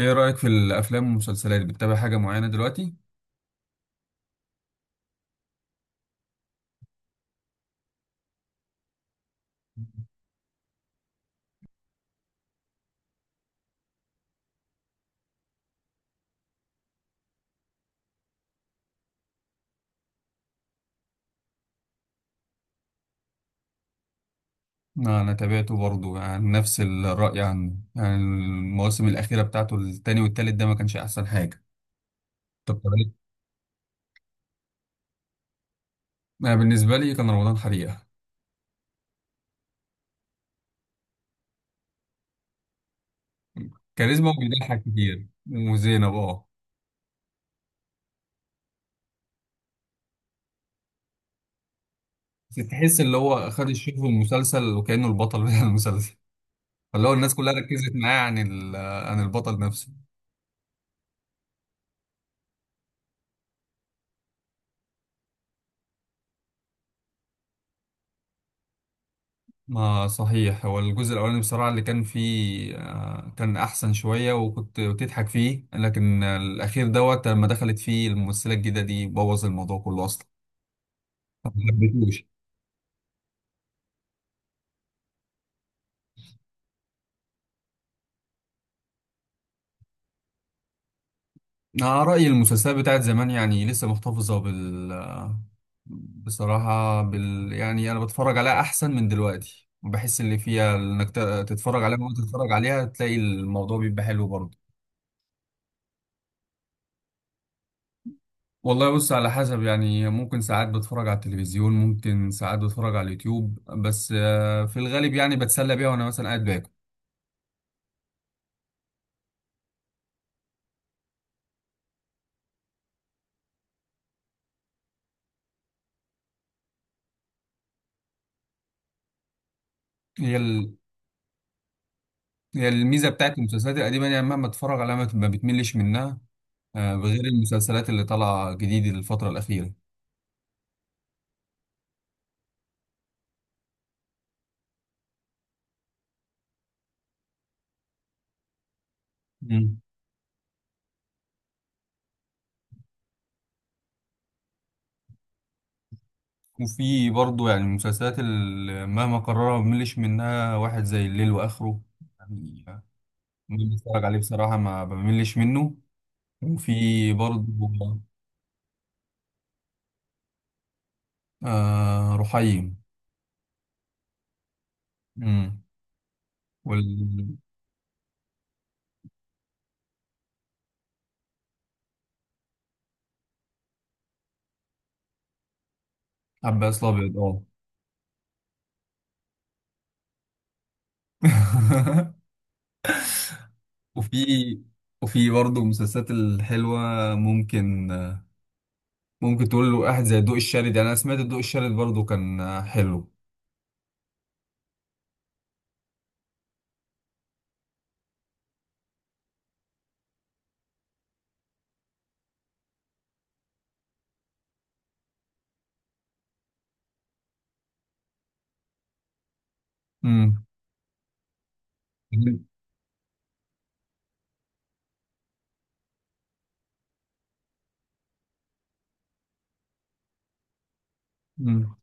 ايه رأيك في الافلام والمسلسلات؟ بتتابع حاجة معينة دلوقتي؟ انا تابعته برضو، يعني نفس الرأي عنه. يعني المواسم الأخيرة بتاعته، التاني والتالت، ده ما كانش احسن حاجة. طب تمام. انا بالنسبة لي كان رمضان حريقة. كاريزما وبيضحك كتير وزينب. اه، بس تحس اللي هو خد الشيف في المسلسل وكأنه البطل بتاع المسلسل. فاللي هو الناس كلها ركزت معاه عن البطل نفسه. ما صحيح، هو الجزء الأولاني بصراحة اللي كان فيه كان أحسن شوية وكنت بتضحك فيه، لكن الأخير دوت لما دخلت فيه الممثلة الجديدة دي بوظ الموضوع كله أصلا، ما حبيتهوش. أنا رأيي المسلسلات بتاعت زمان يعني لسه محتفظة بال بصراحة بال، يعني أنا بتفرج عليها أحسن من دلوقتي، وبحس اللي فيها إنك تتفرج عليها، وأنت تتفرج عليها تلاقي الموضوع بيبقى حلو برضه. والله بص، على حسب، يعني ممكن ساعات بتفرج على التلفزيون، ممكن ساعات بتفرج على اليوتيوب. بس في الغالب يعني بتسلى بيها وانا مثلا قاعد باكل. هي ال... هي الميزه بتاعت المسلسلات القديمه، يعني مهما اتفرج عليها ما بتملش منها. بغير المسلسلات اللي طالعه جديد الفتره الاخيره. مم. وفي برضه يعني المسلسلات اللي مهما قررها ما بملش منها، واحد زي الليل واخره يعني. ممكن اتفرج عليه بصراحه ما بملش منه. وفي برضه. آه، رحيم. امم. والعباس الابيض، اه. وفي وفي برضه المسلسلات الحلوه، ممكن ممكن تقول له واحد زي الضوء الشارد. يعني انا سمعت الضوء الشارد برضه كان حلو. امم. امم.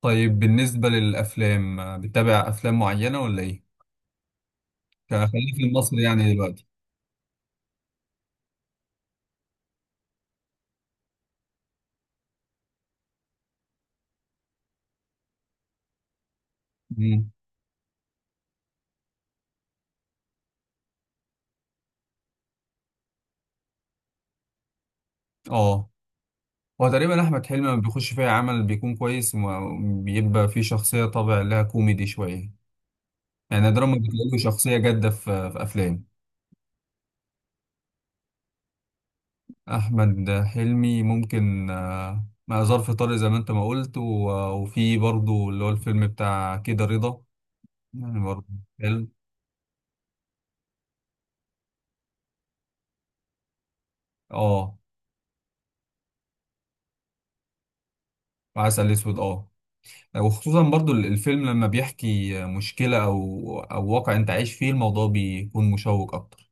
طيب، بالنسبه للافلام بتتابع افلام معينه ولا ايه؟ خلينا في المصري يعني دلوقتي. امم. اه، هو تقريبا احمد حلمي لما بيخش فيها عمل بيكون كويس وبيبقى فيه شخصيه طابع لها كوميدي شويه. يعني نادرا ما بتلاقي له شخصيه جاده في افلام. أحمد حلمي ممكن مع ظرف طارق زي ما أنت ما قلت. وفي برضو اللي هو الفيلم بتاع كده رضا، يعني برضو. حلم. آه. وعسل أسود، آه. وخصوصا برضو الفيلم لما بيحكي مشكلة أو واقع أنت عايش فيه، الموضوع بيكون مشوق أكتر.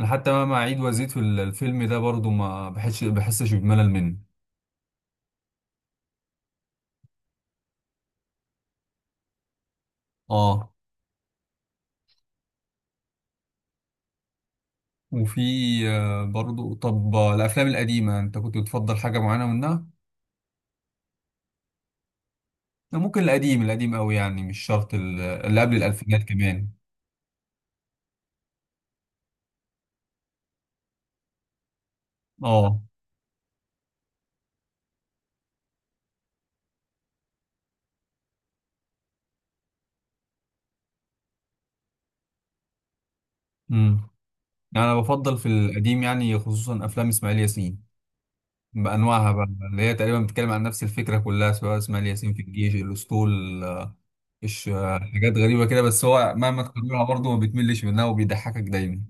أنا حتى مهما أعيد وأزيد في الفيلم ده برضو ما بحسش بملل منه. آه. وفي. برضو، طب الأفلام القديمة أنت كنت بتفضل حاجة معينة منها؟ ممكن القديم القديم قوي، يعني مش شرط اللي قبل الألفينات كمان. اه. امم. يعني أنا بفضل في القديم، يعني خصوصا أفلام إسماعيل ياسين بأنواعها بقى. اللي هي تقريبا بتتكلم عن نفس الفكرة كلها، سواء إسماعيل ياسين في الجيش، الأسطول، آه، إيش آه، حاجات غريبة كده، بس هو مهما تكررها برضه ما بتملش منها وبيضحكك دايما.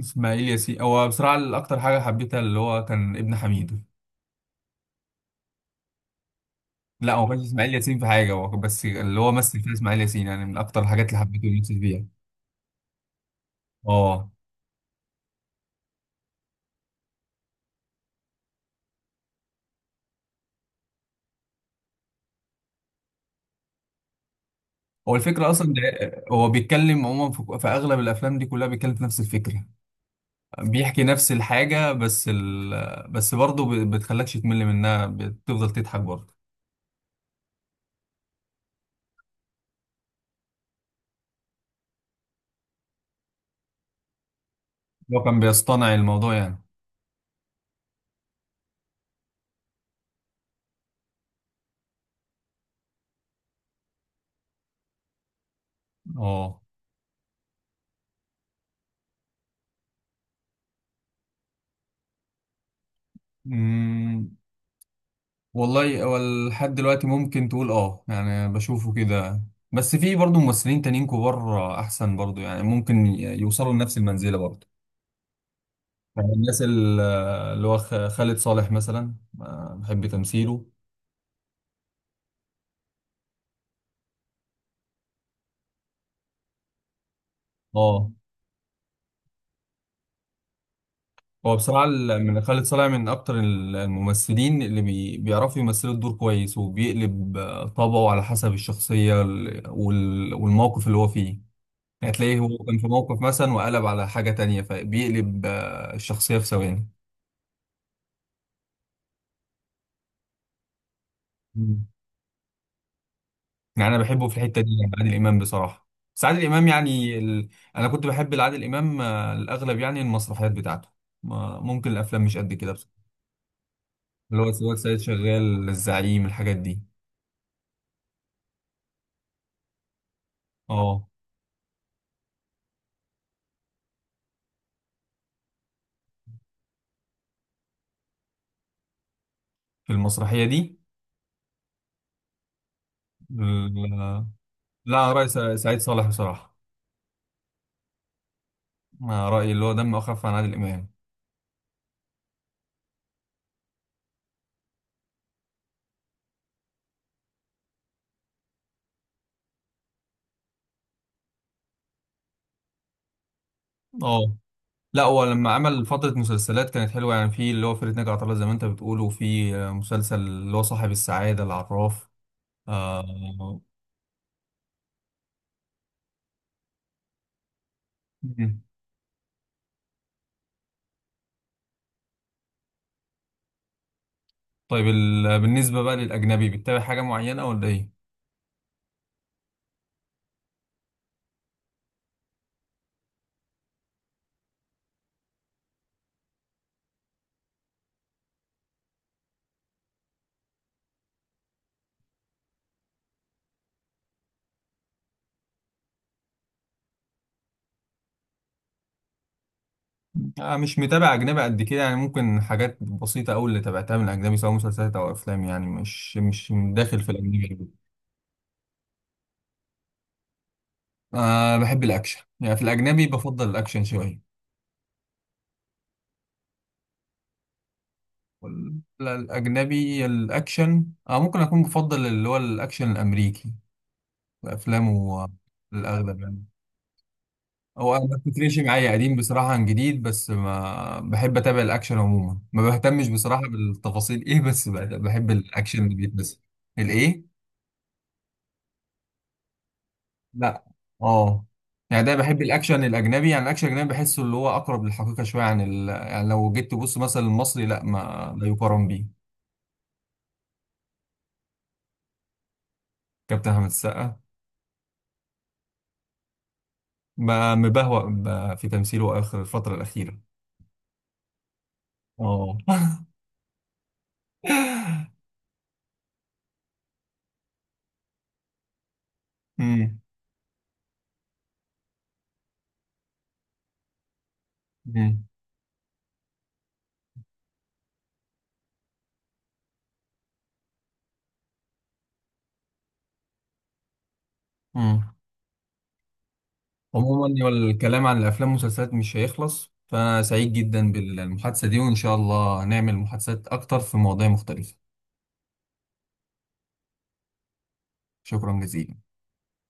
إسماعيل ياسين، هو بصراحة الأكتر حاجة حبيتها اللي هو كان ابن حميدو. لا هو ما كانش إسماعيل ياسين في حاجة، هو بس اللي هو مثل فيها إسماعيل ياسين، يعني من أكتر الحاجات اللي حبيته ومثل فيها. اه. هو الفكرة أصلا، ده هو بيتكلم عموما في أغلب الأفلام دي كلها بيتكلم في نفس الفكرة. بيحكي نفس الحاجة، بس برضه بتخلكش تمل منها، بتفضل تضحك برضه. هو كان بيصطنع الموضوع يعني. اه. أمم، والله، هو لحد دلوقتي ممكن تقول اه، يعني بشوفه كده. بس في برضه ممثلين تانيين كبار أحسن برضه، يعني ممكن يوصلوا لنفس المنزلة برضه. يعني اللي هو خالد صالح مثلا. بحب تمثيله. اه. هو بصراحة من خالد صالح من أكتر الممثلين اللي بيعرفوا يمثلوا الدور كويس وبيقلب طبعه على حسب الشخصية والموقف اللي هو فيه. يعني تلاقيه هو كان في موقف مثلا وقلب على حاجة تانية فبيقلب الشخصية في ثواني. مم. يعني أنا بحبه في الحتة دي، يعني عادل إمام بصراحة. بس عادل إمام يعني أنا كنت بحب عادل إمام الأغلب، يعني المسرحيات بتاعته. ممكن الأفلام مش قد كده بصراحة، اللي هو سواء سيد شغال، الزعيم، الحاجات دي. أه. في المسرحية دي. ال- لا أنا رأيي سعيد صالح بصراحة. أنا رأيي اللي هو دمه أخف عن عادل إمام. أه. لا هو لما عمل فترة مسلسلات كانت حلوة، يعني في اللي هو فرقة ناجي عطا الله زي ما أنت بتقول، وفي مسلسل اللي هو صاحب السعادة العراف. آه. مم. طيب، بالنسبة بقى للأجنبي، بتتابع حاجة معينة ولا إيه؟ آه، مش متابع أجنبي قد كده، يعني ممكن حاجات بسيطة أوي اللي تابعتها من الأجنبي، سواء مسلسلات أو أفلام، يعني مش داخل في الأجنبي أوي. آه، بحب الأكشن، يعني في الأجنبي بفضل الأكشن شوية. لا، الأجنبي الأكشن، أو ممكن أكون بفضل اللي هو الأكشن الأمريكي، أفلامه الأغلب يعني. هو أنا ما بتفرقش معايا قديم بصراحة عن جديد، بس ما بحب أتابع الأكشن عموما، ما بهتمش بصراحة بالتفاصيل إيه، بس بحب الأكشن اللي بيتمثل. الإيه؟ لا، آه، يعني ده بحب الأكشن الأجنبي، يعني الأكشن الأجنبي بحسه اللي هو أقرب للحقيقة شوية يعني لو جيت تبص مثلا المصري، لا ما لا يقارن بيه. كابتن أحمد السقا، بقى مبهوأ بقى في تمثيله آخر الفترة الأخيرة. اه. مم. مم. مم. عموما الكلام عن الأفلام والمسلسلات مش هيخلص، فأنا سعيد جدا بالمحادثة دي وإن شاء الله نعمل محادثات أكتر في مواضيع مختلفة. شكرا جزيلا.